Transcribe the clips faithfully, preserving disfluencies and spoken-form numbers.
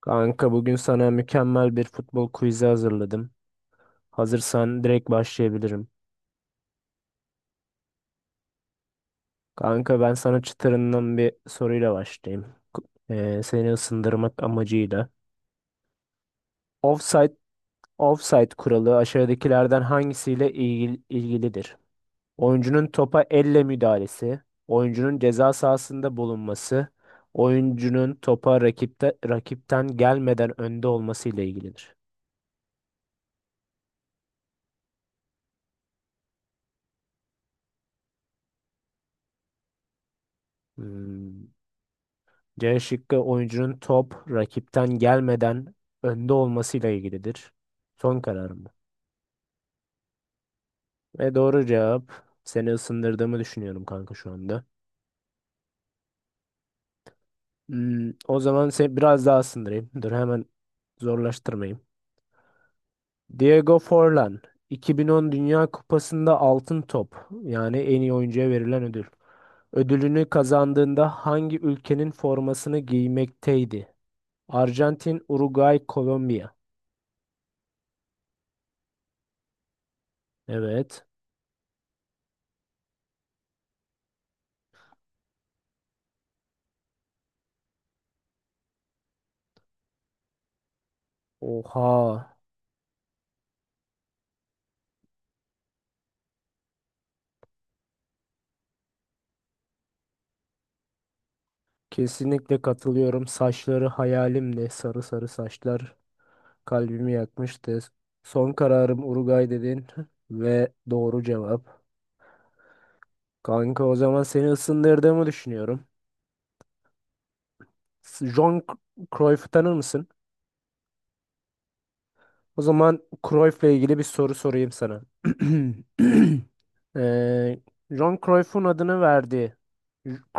Kanka bugün sana mükemmel bir futbol quizi hazırladım. Hazırsan direkt başlayabilirim. Kanka ben sana çıtırından bir soruyla başlayayım. Ku- Ee, seni ısındırmak amacıyla. Offside, offside kuralı aşağıdakilerden hangisiyle ilgil- ilgilidir? Oyuncunun topa elle müdahalesi, oyuncunun ceza sahasında bulunması, oyuncunun topa rakipte, rakipten gelmeden önde olması ile ilgilidir. Hmm. C şıkkı oyuncunun top rakipten gelmeden önde olmasıyla ilgilidir. Son kararım bu. Ve doğru cevap. Seni ısındırdığımı düşünüyorum kanka şu anda. Hmm, o zaman seni biraz daha ısındırayım. Dur hemen zorlaştırmayayım. Diego Forlan iki bin on Dünya Kupası'nda altın top yani en iyi oyuncuya verilen ödül. Ödülünü kazandığında hangi ülkenin formasını giymekteydi? Arjantin, Uruguay, Kolombiya. Evet. Oha. Kesinlikle katılıyorum. Saçları hayalimdi. Sarı sarı saçlar kalbimi yakmıştı. Son kararım Uruguay dedin ve doğru cevap. Kanka o zaman seni ısındırdığımı düşünüyorum. S- John C- Cruyff'u tanır mısın? O zaman Cruyff'la ilgili bir soru sorayım sana. Ee, John Cruyff'un adını verdiği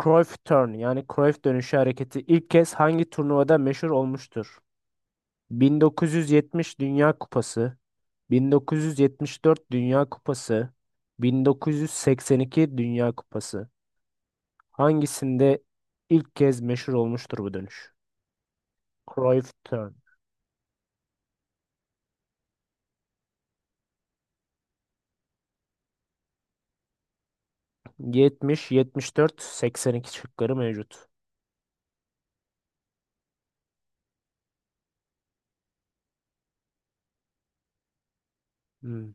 Cruyff Turn yani Cruyff dönüşü hareketi ilk kez hangi turnuvada meşhur olmuştur? bin dokuz yüz yetmiş Dünya Kupası, bin dokuz yüz yetmiş dört Dünya Kupası, bin dokuz yüz seksen iki Dünya Kupası. Hangisinde ilk kez meşhur olmuştur bu dönüş? Cruyff Turn. yetmiş, yetmiş dört, seksen iki şıkları mevcut. Hmm.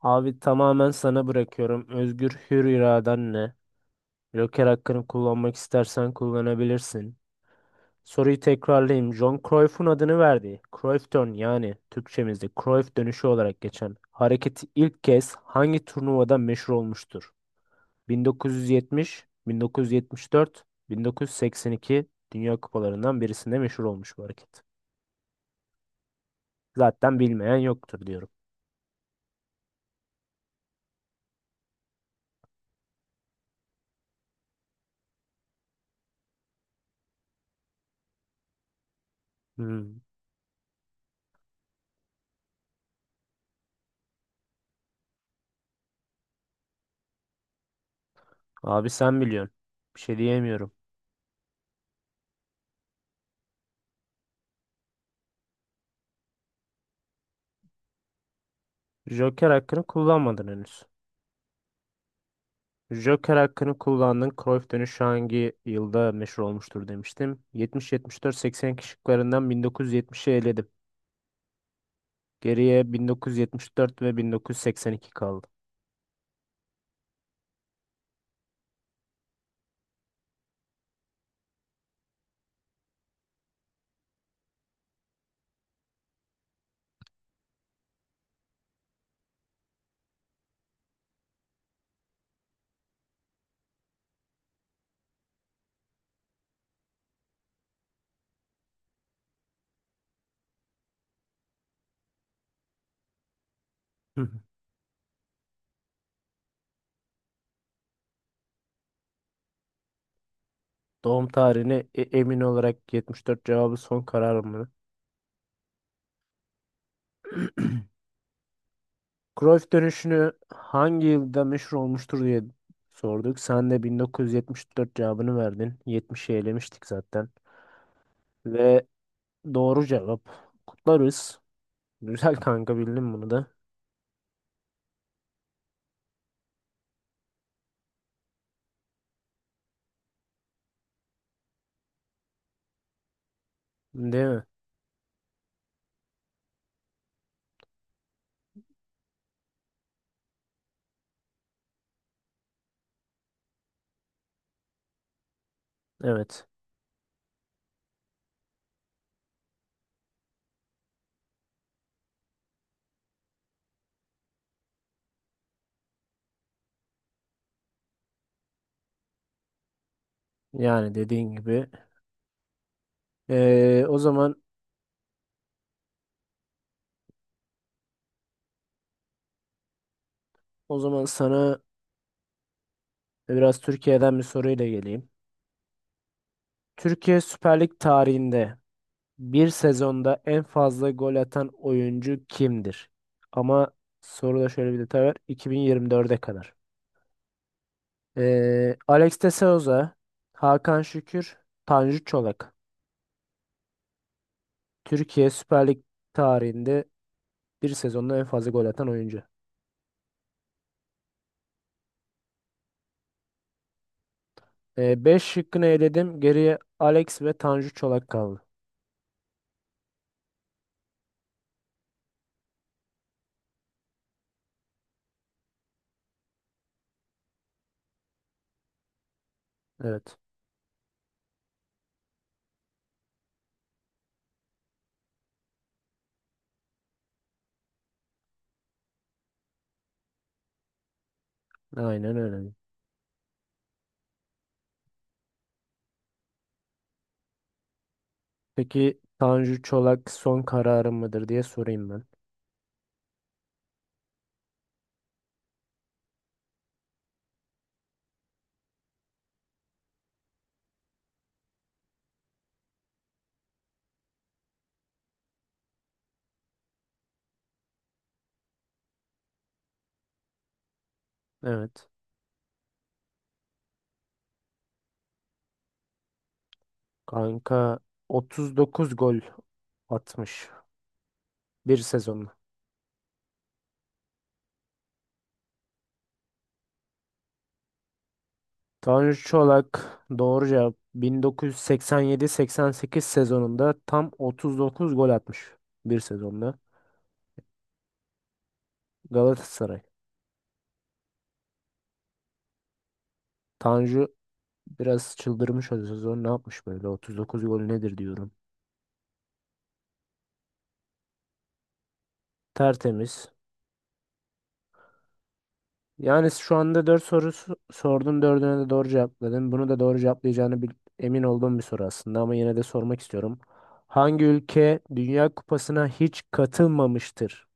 Abi tamamen sana bırakıyorum. Özgür hür iraden ne? Joker hakkını kullanmak istersen kullanabilirsin. Soruyu tekrarlayayım. John Cruyff'un adını verdiği Cruyff Turn yani Türkçemizde Cruyff dönüşü olarak geçen hareketi ilk kez hangi turnuvada meşhur olmuştur? bin dokuz yüz yetmiş, bin dokuz yüz yetmiş dört, bin dokuz yüz seksen iki Dünya Kupalarından birisinde meşhur olmuş bu hareket. Zaten bilmeyen yoktur diyorum. Hmm. Abi sen biliyorsun. Bir şey diyemiyorum. Joker hakkını kullanmadın henüz. Joker hakkını kullandın. Cruyff dönüşü hangi yılda meşhur olmuştur demiştim. yetmiş yetmiş dört-seksen kişiklerinden bin dokuz yüz yetmişi eledim. Geriye bin dokuz yüz yetmiş dört ve bin dokuz yüz seksen iki kaldı. Hı hı. Doğum tarihine e- emin olarak yetmiş dört cevabı son kararım mı? Cruyff dönüşünü hangi yılda meşhur olmuştur diye sorduk. Sen de bin dokuz yüz yetmiş dört cevabını verdin. yetmişi elemiştik zaten. Ve doğru cevap. Kutlarız. Güzel kanka bildin bunu da. Değil mi? Evet. Yani dediğin gibi. Ee, o zaman o zaman sana biraz Türkiye'den bir soruyla geleyim. Türkiye Süper Lig tarihinde bir sezonda en fazla gol atan oyuncu kimdir? Ama soruda şöyle bir detay var. iki bin yirmi dörde kadar. Ee, Alex de Souza, Hakan Şükür, Tanju Çolak. Türkiye Süper Lig tarihinde bir sezonda en fazla gol atan oyuncu. beş şıkkını eledim. Geriye Alex ve Tanju Çolak kaldı. Evet. Aynen öyle. Peki Tanju Çolak son kararı mıdır diye sorayım ben. Evet. Kanka otuz dokuz gol atmış bir sezonda. Tanju Çolak doğru cevap bin dokuz yüz seksen yedi-seksen sekiz sezonunda tam otuz dokuz gol atmış bir sezonda. Galatasaray. Tanju biraz çıldırmış o sezon. Ne yapmış böyle? otuz dokuz gol nedir diyorum. Tertemiz. Yani şu anda dört sorusu sordum. Dördüne de doğru cevapladın. Bunu da doğru cevaplayacağını bil- emin olduğum bir soru aslında ama yine de sormak istiyorum. Hangi ülke Dünya Kupası'na hiç katılmamıştır?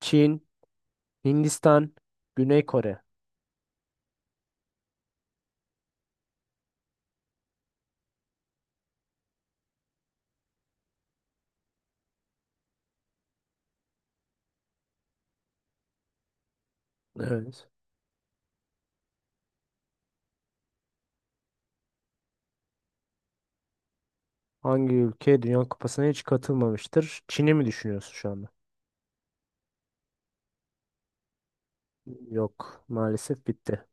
Çin, Hindistan, Güney Kore. Evet. Hangi ülke Dünya Kupası'na hiç katılmamıştır? Çin'i mi düşünüyorsun şu anda? Yok, maalesef bitti.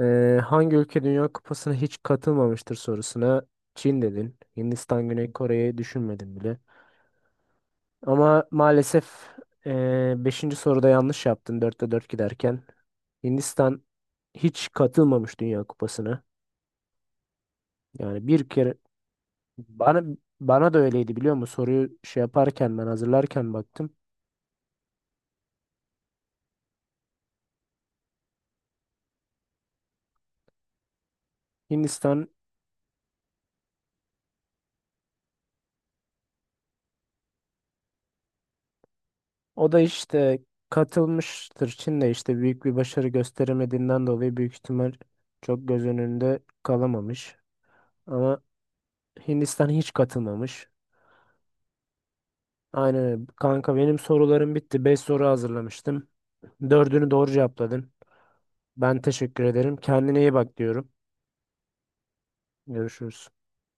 Ee, hangi ülke Dünya Kupası'na hiç katılmamıştır sorusuna Çin dedin. Hindistan, Güney Kore'yi düşünmedin bile. Ama maalesef eee beşinci soruda yanlış yaptın dörtte dört giderken. Hindistan hiç katılmamış Dünya Kupası'na. Yani bir kere bana bana da öyleydi biliyor musun? Soruyu şey yaparken ben hazırlarken baktım. Hindistan o da işte katılmıştır. Çin de işte büyük bir başarı gösteremediğinden dolayı büyük ihtimal çok göz önünde kalamamış. Ama Hindistan hiç katılmamış. Aynen öyle. Kanka benim sorularım bitti. Beş soru hazırlamıştım. Dördünü doğru cevapladın. Ben teşekkür ederim. Kendine iyi bak diyorum. Görüşürüz.